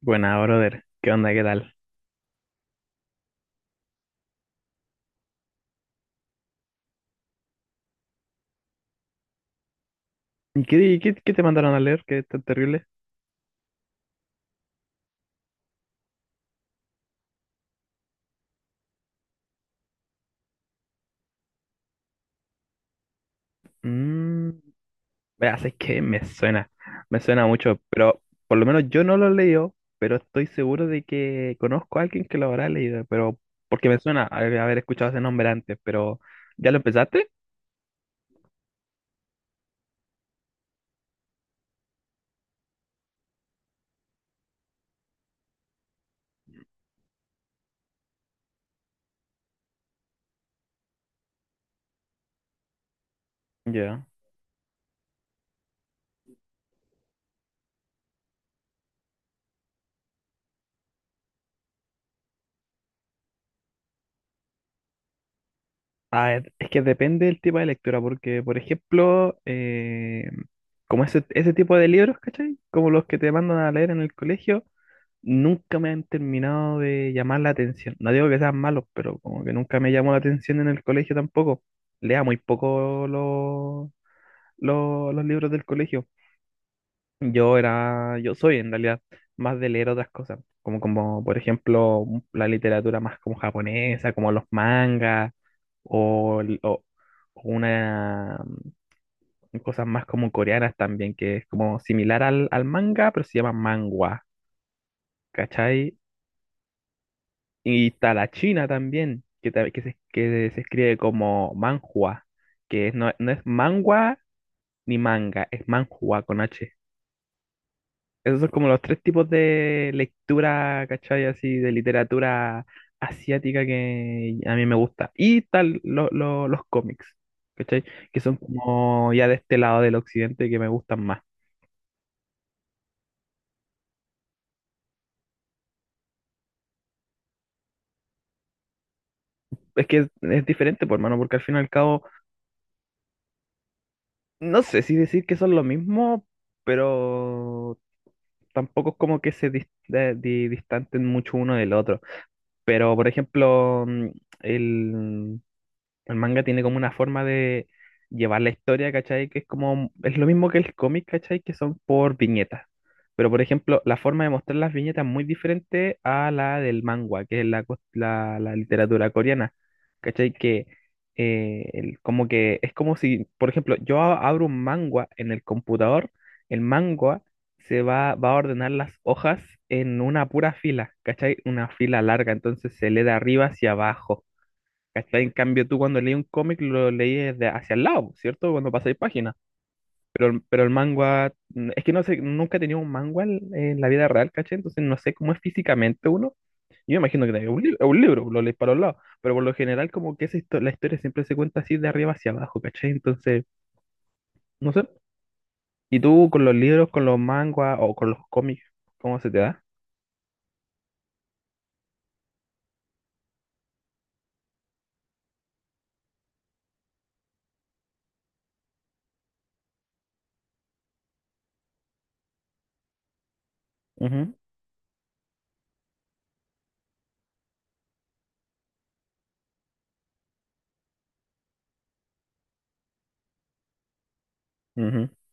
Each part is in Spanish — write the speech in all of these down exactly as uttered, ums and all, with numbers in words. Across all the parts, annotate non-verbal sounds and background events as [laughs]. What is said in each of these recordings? Buena, brother. ¿Qué onda? ¿Qué tal? ¿Y ¿Qué, y qué, qué te mandaron a leer? ¿Qué tan terrible? Mmm, veas, es que me suena, me suena mucho, pero por lo menos yo no lo leo, pero estoy seguro de que conozco a alguien que lo habrá leído, pero porque me suena haber haber escuchado ese nombre antes, pero ¿ya lo empezaste? Ya. Ah, es es que depende del tipo de lectura, porque, por ejemplo, eh, como ese, ese tipo de libros, ¿cachai? Como los que te mandan a leer en el colegio, nunca me han terminado de llamar la atención. No digo que sean malos, pero como que nunca me llamó la atención en el colegio tampoco. Lea muy poco los los los libros del colegio. Yo era, yo soy en realidad más de leer otras cosas, como, como por ejemplo la literatura más como japonesa, como los mangas, o, el- o- o una mm, cosas más como coreanas también, que es como similar al, al manga, pero se llama manhwa, ¿cachai? Y está la china también, que, ta- que, se, que se escribe como manhua, que es- no, no es manhwa ni manga, es manhua con H. Esos son como los tres tipos de lectura, ¿cachai? Así de literatura asiática que a mí me gusta. Y tal lo- lo- los cómics, ¿cachai? Que son como ya de este lado del occidente que me gustan más. Es que es, es diferente, por hermano, porque al fin y al cabo, no sé si decir que son lo mismo, pero tampoco es como que se dis- de- di- distanten mucho uno del otro. Pero, por ejemplo, mm, el, el manga tiene como una forma de llevar la historia, ¿cachai? Que es como, es lo mismo que el cómic, ¿cachai? Que son por viñetas. Pero, por ejemplo, la forma de mostrar las viñetas es muy diferente a la del manhwa, que es la, cos- la, la literatura coreana, ¿cachai? Que eh, el- como que es como si, por ejemplo, yo a- abro un manhwa en el computador, el manhwa se va, va a ordenar las hojas en una pura fila, ¿cachai? Una fila larga, entonces se lee de arriba hacia abajo. ¿Cachai? En cambio, tú cuando leí un cómic lo leí desde hacia el lado, ¿cierto? Cuando pasáis páginas. Pero, el- pero el manga, mm, es que no sé, nunca he tenido un manga en en la vida real, ¿cachai? Entonces no sé cómo es físicamente uno. Yo me imagino que es un, li- es un libro, lo lees para los lados. Pero por lo general, como que esa histo- la historia siempre se cuenta así de arriba hacia abajo, ¿cachai? Entonces, no sé. ¿Y tú con los libros, con los mangas o con los cómics, cómo se te da? Ujú, ujú.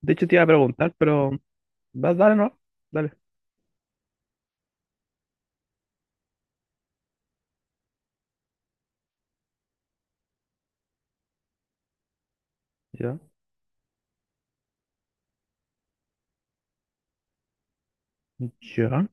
De hecho, te iba a preguntar, pero va- dale, no, dale. Ya. Ya.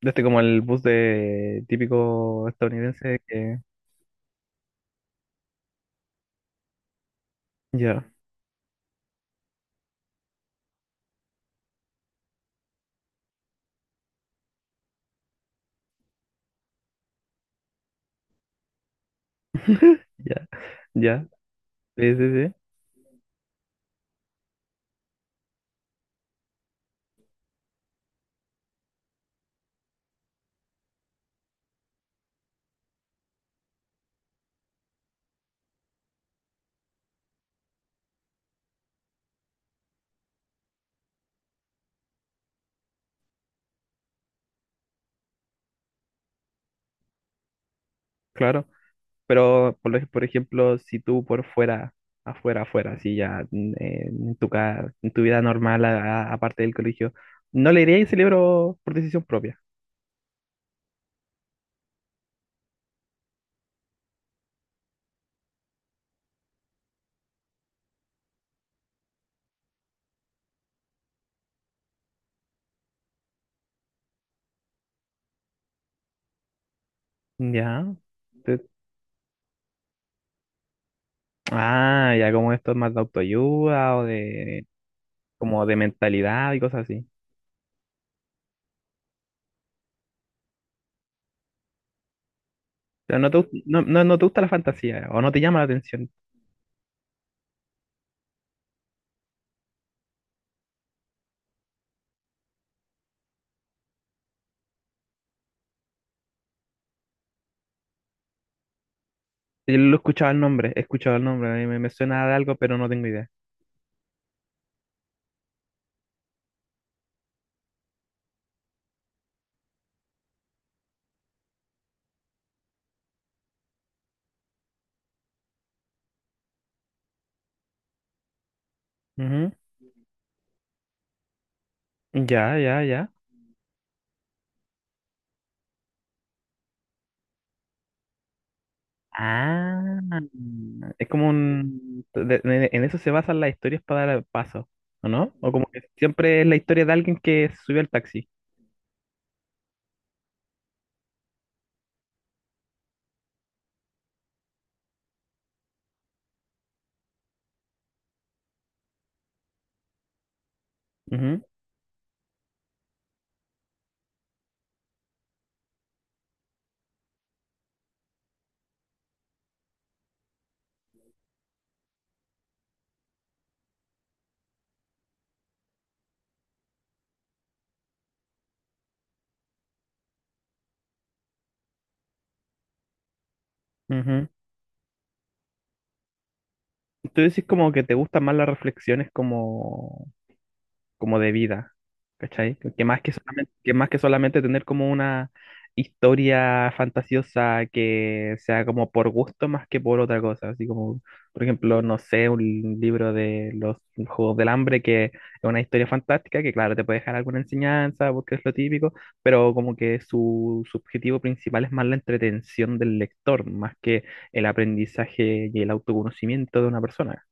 De este como el bus de típico estadounidense que... Ya, ya, ya. Sí, sí, sí, claro. Pero, por, ej- por ejemplo, si tú por fuera, afuera, afuera, si ya mm, eh, en tu, ca- en tu vida normal, a- a- aparte del colegio, ¿no le irías ese libro por decisión propia? Ya. Te- ah, ya como esto es más de autoayuda o de, como de mentalidad y cosas así. O sea, no te, gust- no, no, no te gusta la fantasía o no te llama la atención. Yo lo he escuchado el nombre, he escuchado el nombre, me, me- suena de algo, pero no tengo idea. Ujú. Ya, ya, ya. Ah, es como un... de- de- en eso se basan las historias para dar el paso, ¿o no? O como que siempre es la historia de alguien que subió al taxi. Ujú, ujú. Tú decís como que te gustan más las reflexiones como como de vida, ¿cachai? Que más que solamente, que más que solamente tener como una historia fantasiosa que sea como por gusto más que por otra cosa, así como, por ejemplo, no sé, un libro de los Juegos del Hambre que es una historia fantástica que claro, te puede dejar alguna enseñanza porque es lo típico, pero como que su, su objetivo principal es más la entretención del lector, más que el aprendizaje y el autoconocimiento de una persona.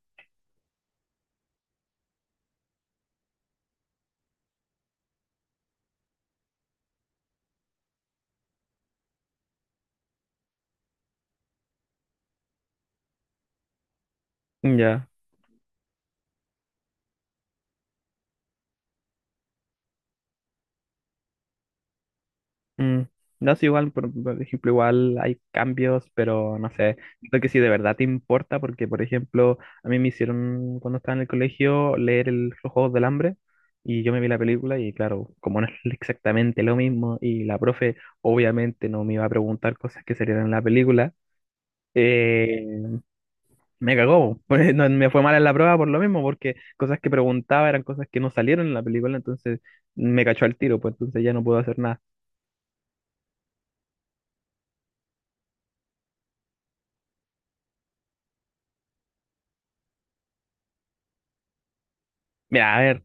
Ya. Mm, No sé, igual, por, por ejemplo, igual hay cambios, pero no sé, siento que si de verdad te importa, porque, por ejemplo, a mí me hicieron cuando estaba en el colegio leer el, Los Juegos del Hambre y yo me vi la película y claro, como no es exactamente lo mismo y la profe obviamente no me iba a preguntar cosas que salieran en la película, eh, me cagó, [laughs] pues, no, me fue mal en la prueba por lo mismo, porque cosas que preguntaba eran cosas que no salieron en la película, entonces me cachó al tiro, pues entonces ya no puedo hacer nada. Mira, a ver.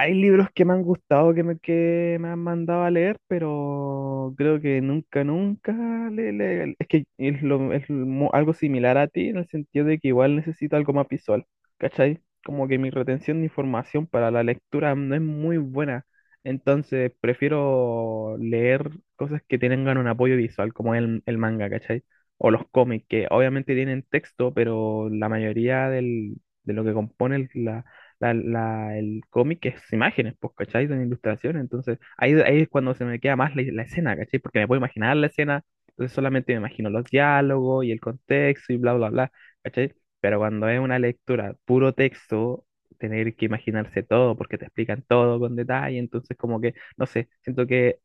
Hay libros que me han gustado, que me, que me han mandado a leer, pero creo que nunca, nunca le, le- es que es, lo- es mo- algo similar a ti en el sentido de que igual necesito algo más visual, ¿cachai? Como que mi retención de información para la lectura no es muy buena, entonces prefiero leer cosas que tengan un apoyo visual, como el, el manga, ¿cachai? O los cómics, que obviamente tienen texto, pero la mayoría del, de lo que compone la- la- el cómic es imágenes, pues, ¿cachai? Son ilustraciones, entonces ahí, ahí es cuando se me queda más la, la escena, ¿cachai? Porque me puedo imaginar la escena, entonces solamente me imagino los diálogos y el contexto y bla, bla, bla, ¿cachai? Pero cuando es una lectura puro texto, tener que imaginarse todo, porque te explican todo con detalle, entonces como que, no sé, siento que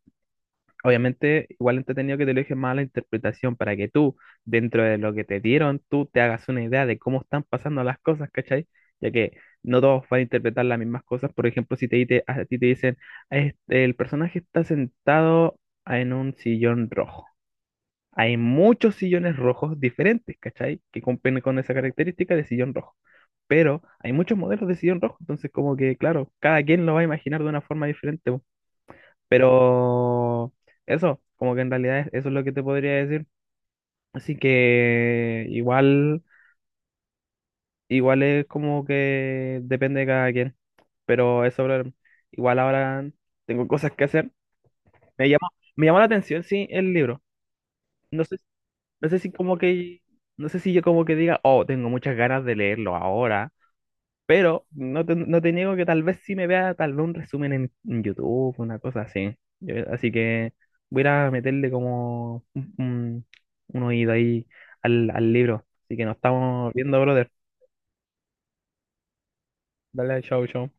obviamente, igual entretenido que te lo dejen más a la interpretación para que tú, dentro de lo que te dieron, tú te hagas una idea de cómo están pasando las cosas, ¿cachai? Ya que no todos van a interpretar las mismas cosas. Por ejemplo, si te, dite- a ti te dicen, "Este, el personaje está sentado en un sillón rojo. Hay muchos sillones rojos diferentes, ¿cachai? Que cumplen con esa característica de sillón rojo. Pero hay muchos modelos de sillón rojo, entonces como que, claro, cada quien lo va a imaginar de una forma diferente. Pero eso, como que en realidad es- eso es lo que te podría decir. Así que igual, igual es como que depende de cada quien. Pero eso, bro, igual ahora tengo cosas que hacer. Me llamó, me llamó la atención, sí, el libro. No sé, no sé si como que, no sé si yo como que diga, oh, tengo muchas ganas de leerlo ahora. Pero no te, no te niego que tal vez sí me vea tal vez un resumen en, en YouTube, una cosa así. Yo- así que voy a ir a meterle como un, un- un oído ahí al, al libro. Así que nos estamos viendo, brother. Dale, chau, chau.